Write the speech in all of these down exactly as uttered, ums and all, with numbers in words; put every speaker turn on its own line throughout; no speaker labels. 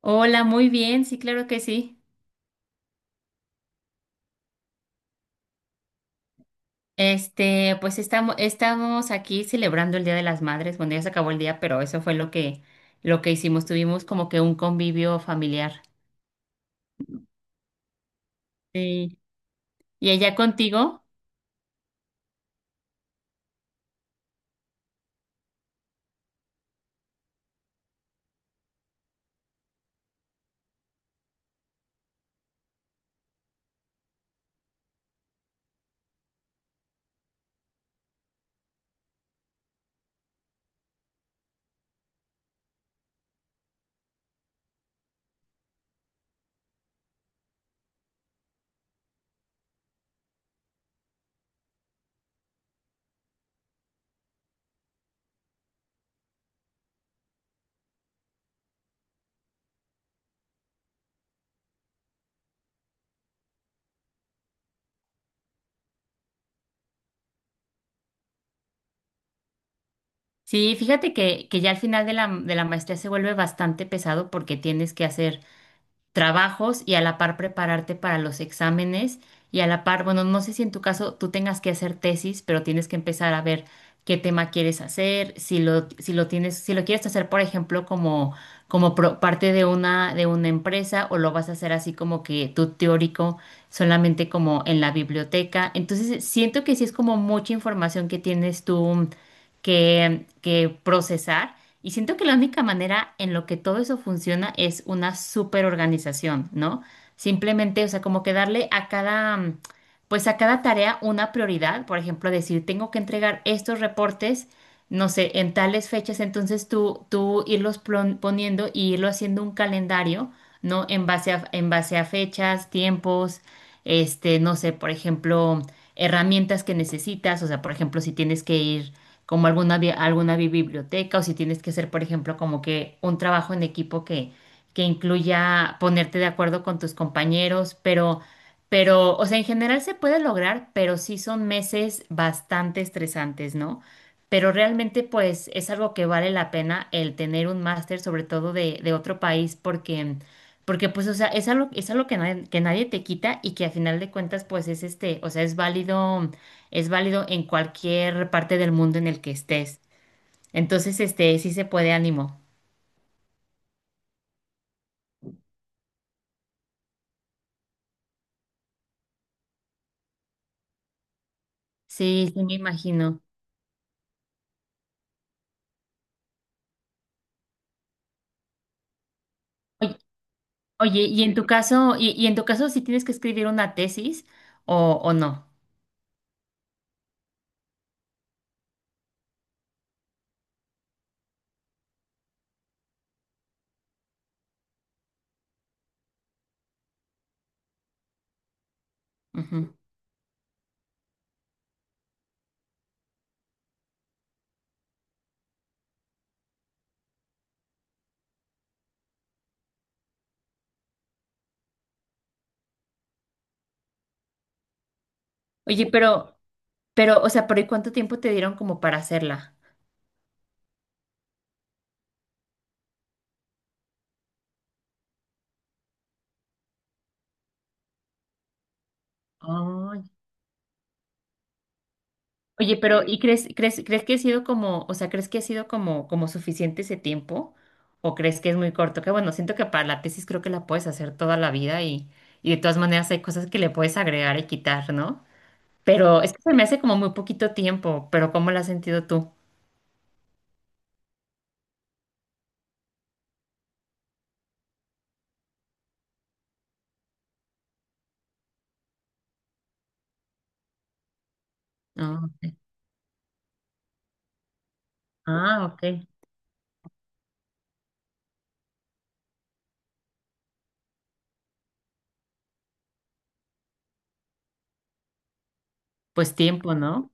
Hola, muy bien, sí, claro que sí. Este, pues estamos, estamos aquí celebrando el Día de las Madres. Bueno, ya se acabó el día, pero eso fue lo que, lo que hicimos. Tuvimos como que un convivio familiar. Sí. ¿Y ella contigo? Sí, fíjate que, que ya al final de la, de la maestría se vuelve bastante pesado porque tienes que hacer trabajos y a la par prepararte para los exámenes y a la par, bueno, no sé si en tu caso tú tengas que hacer tesis, pero tienes que empezar a ver qué tema quieres hacer, si lo, si lo tienes, si lo quieres hacer, por ejemplo, como, como pro- parte de una, de una empresa, o lo vas a hacer así como que tú teórico, solamente como en la biblioteca. Entonces, siento que sí es como mucha información que tienes tú que, que procesar. Y siento que la única manera en lo que todo eso funciona es una super organización, ¿no? Simplemente, o sea, como que darle a cada, mm, pues a cada tarea una prioridad. Por ejemplo, decir, tengo que entregar estos reportes, no sé, en tales fechas. Entonces tú, tú irlos plon- poniendo y irlo haciendo un calendario, ¿no? En base a, en base a fechas, tiempos, este, no sé, por ejemplo, herramientas que necesitas. O sea, por ejemplo, si tienes que ir como alguna, bi- alguna bi- biblioteca o si tienes que hacer, por ejemplo, como que un trabajo en equipo que, que incluya ponerte de acuerdo con tus compañeros, pero, pero, o sea, en general se puede lograr, pero sí son meses bastante estresantes, ¿no? Pero realmente, pues, es algo que vale la pena el tener un máster, sobre todo de, de otro país, porque... Porque pues, o sea, es algo, es algo que nadie, que nadie te quita y que a final de cuentas, pues es este, o sea, es válido es válido en cualquier parte del mundo en el que estés. Entonces, este, sí se puede, ánimo. Sí, sí me imagino. Oye, oye, y en tu caso, y, y en tu caso, si tienes que escribir una tesis o, o no. Ujú. Oye, pero, pero, o sea, pero ¿y cuánto tiempo te dieron como para hacerla? Oh. Oye, pero ¿y crees, crees, crees que ha sido como, o sea, crees que ha sido como, como suficiente ese tiempo? ¿O crees que es muy corto? Que bueno, siento que para la tesis creo que la puedes hacer toda la vida y, y de todas maneras hay cosas que le puedes agregar y quitar, ¿no? Pero es que se me hace como muy poquito tiempo, pero ¿cómo lo has sentido tú? Ah, ok. Ah, ok. Pues tiempo, ¿no?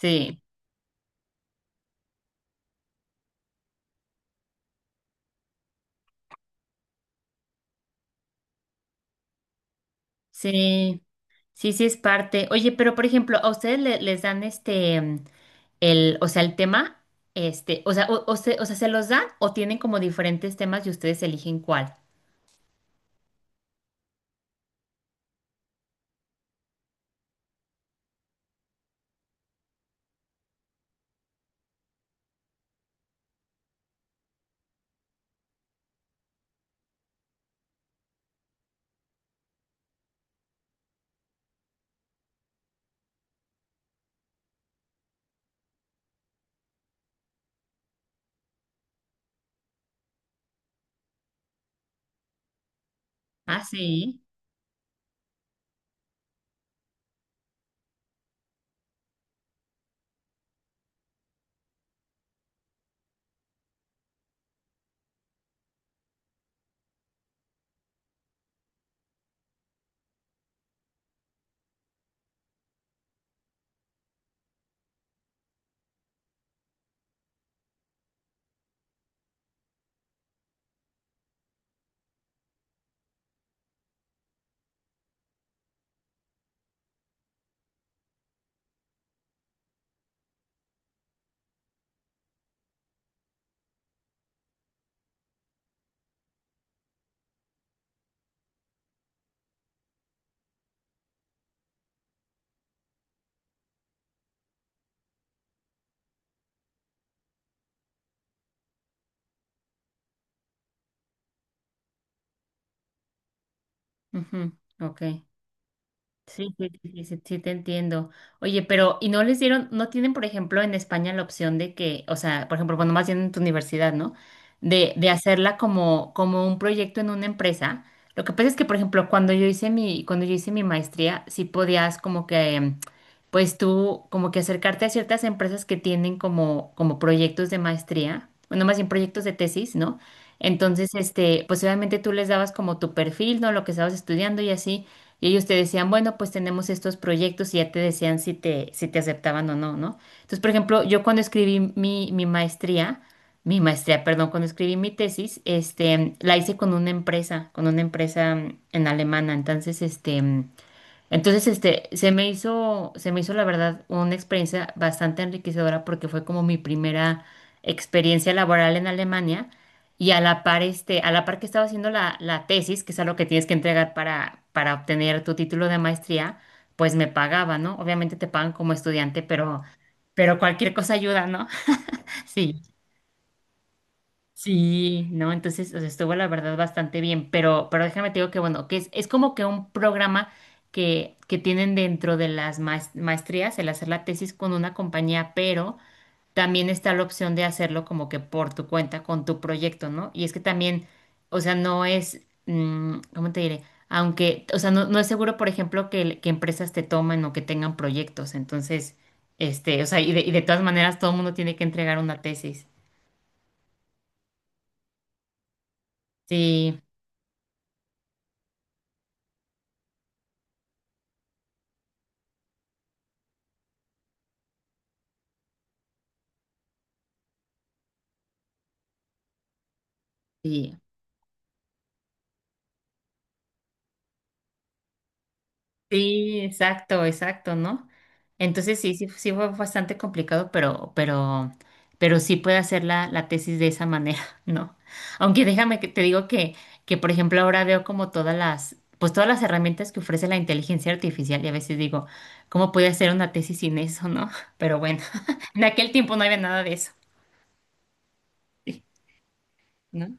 Sí, sí. Sí, sí es parte. Oye, pero por ejemplo, a ustedes le- les dan este, mm, el, o sea, el tema, este, o sea, o, o se, o sea, ¿se los dan o tienen como diferentes temas y ustedes eligen cuál? Ah, sí. Ujú. Ok. Sí, sí, sí, sí, sí, sí te entiendo. Oye, pero, ¿y no les dieron, no tienen, por ejemplo, en España la opción de que, o sea, por ejemplo, cuando más bien en tu universidad, ¿no? De, de hacerla como, como un proyecto en una empresa. Lo que pasa es que, por ejemplo, cuando yo hice mi, cuando yo hice mi maestría, sí podías como que, mm, pues tú, como que acercarte a ciertas empresas que tienen como, como proyectos de maestría, bueno, más bien proyectos de tesis, ¿no? Entonces, este, pues obviamente tú les dabas como tu perfil, ¿no? Lo que estabas estudiando y así. Y ellos te decían, bueno, pues tenemos estos proyectos y ya te decían si te, si te aceptaban o no, ¿no? Entonces, por ejemplo, yo cuando escribí mi, mi maestría, mi maestría, perdón, cuando escribí mi tesis, este, la hice con una empresa, con una empresa mm, en alemana. Entonces, este, mm, entonces, este, se me hizo, se me hizo la verdad una experiencia bastante enriquecedora porque fue como mi primera experiencia laboral en Alemania y a la par, este, a la par que estaba haciendo la, la tesis, que es algo que tienes que entregar para, para obtener tu título de maestría, pues me pagaba, ¿no? Obviamente te pagan como estudiante, pero, pero cualquier cosa ayuda, ¿no? Sí. Sí, no, entonces, o sea, estuvo la verdad bastante bien, pero, pero déjame te digo que bueno, que es, es como que un programa que, que tienen dentro de las maes- maestrías, el hacer la tesis con una compañía, pero también está la opción de hacerlo como que por tu cuenta, con tu proyecto, ¿no? Y es que también, o sea, no es, mm, ¿cómo te diré? Aunque, o sea, no, no es seguro, por ejemplo, que, el- que empresas te tomen o que tengan proyectos, entonces, este, o sea, y de, y de todas maneras todo el mundo tiene que entregar una tesis. Sí, sí. Sí, exacto, exacto, ¿no? Entonces sí, sí, sí fue bastante complicado, pero, pero, pero sí puede hacer la, la tesis de esa manera, ¿no? Aunque déjame que te digo que, que, por ejemplo, ahora veo como todas las, pues todas las herramientas que ofrece la inteligencia artificial y a veces digo, ¿cómo puede hacer una tesis sin eso, no? Pero bueno, en aquel tiempo no había nada de eso, ¿no?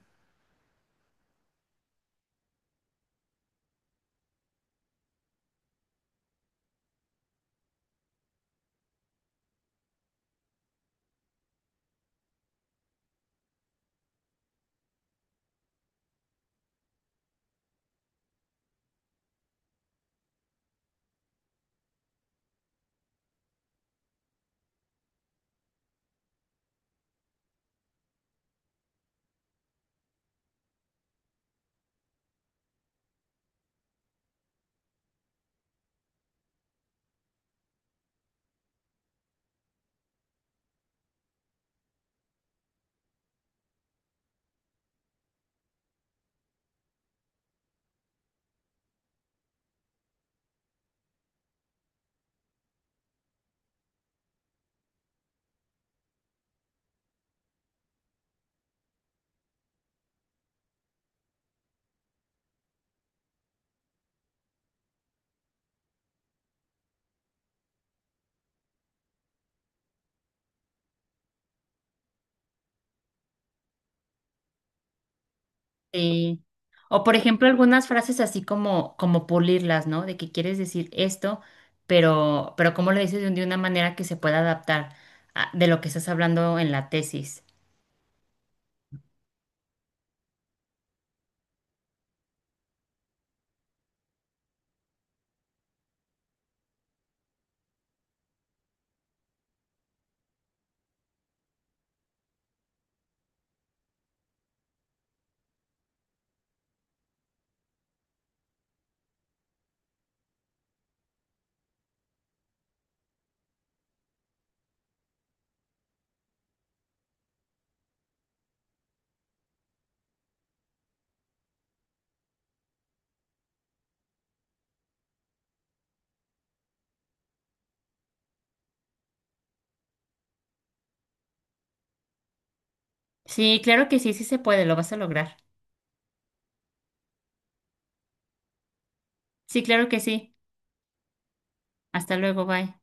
Sí. O por ejemplo, algunas frases así como, como pulirlas, ¿no? De que quieres decir esto, pero, pero cómo lo dices de de una manera que se pueda adaptar a- de lo que estás hablando en la tesis. Sí, claro que sí, sí se puede, lo vas a lograr. Sí, claro que sí. Hasta luego, bye.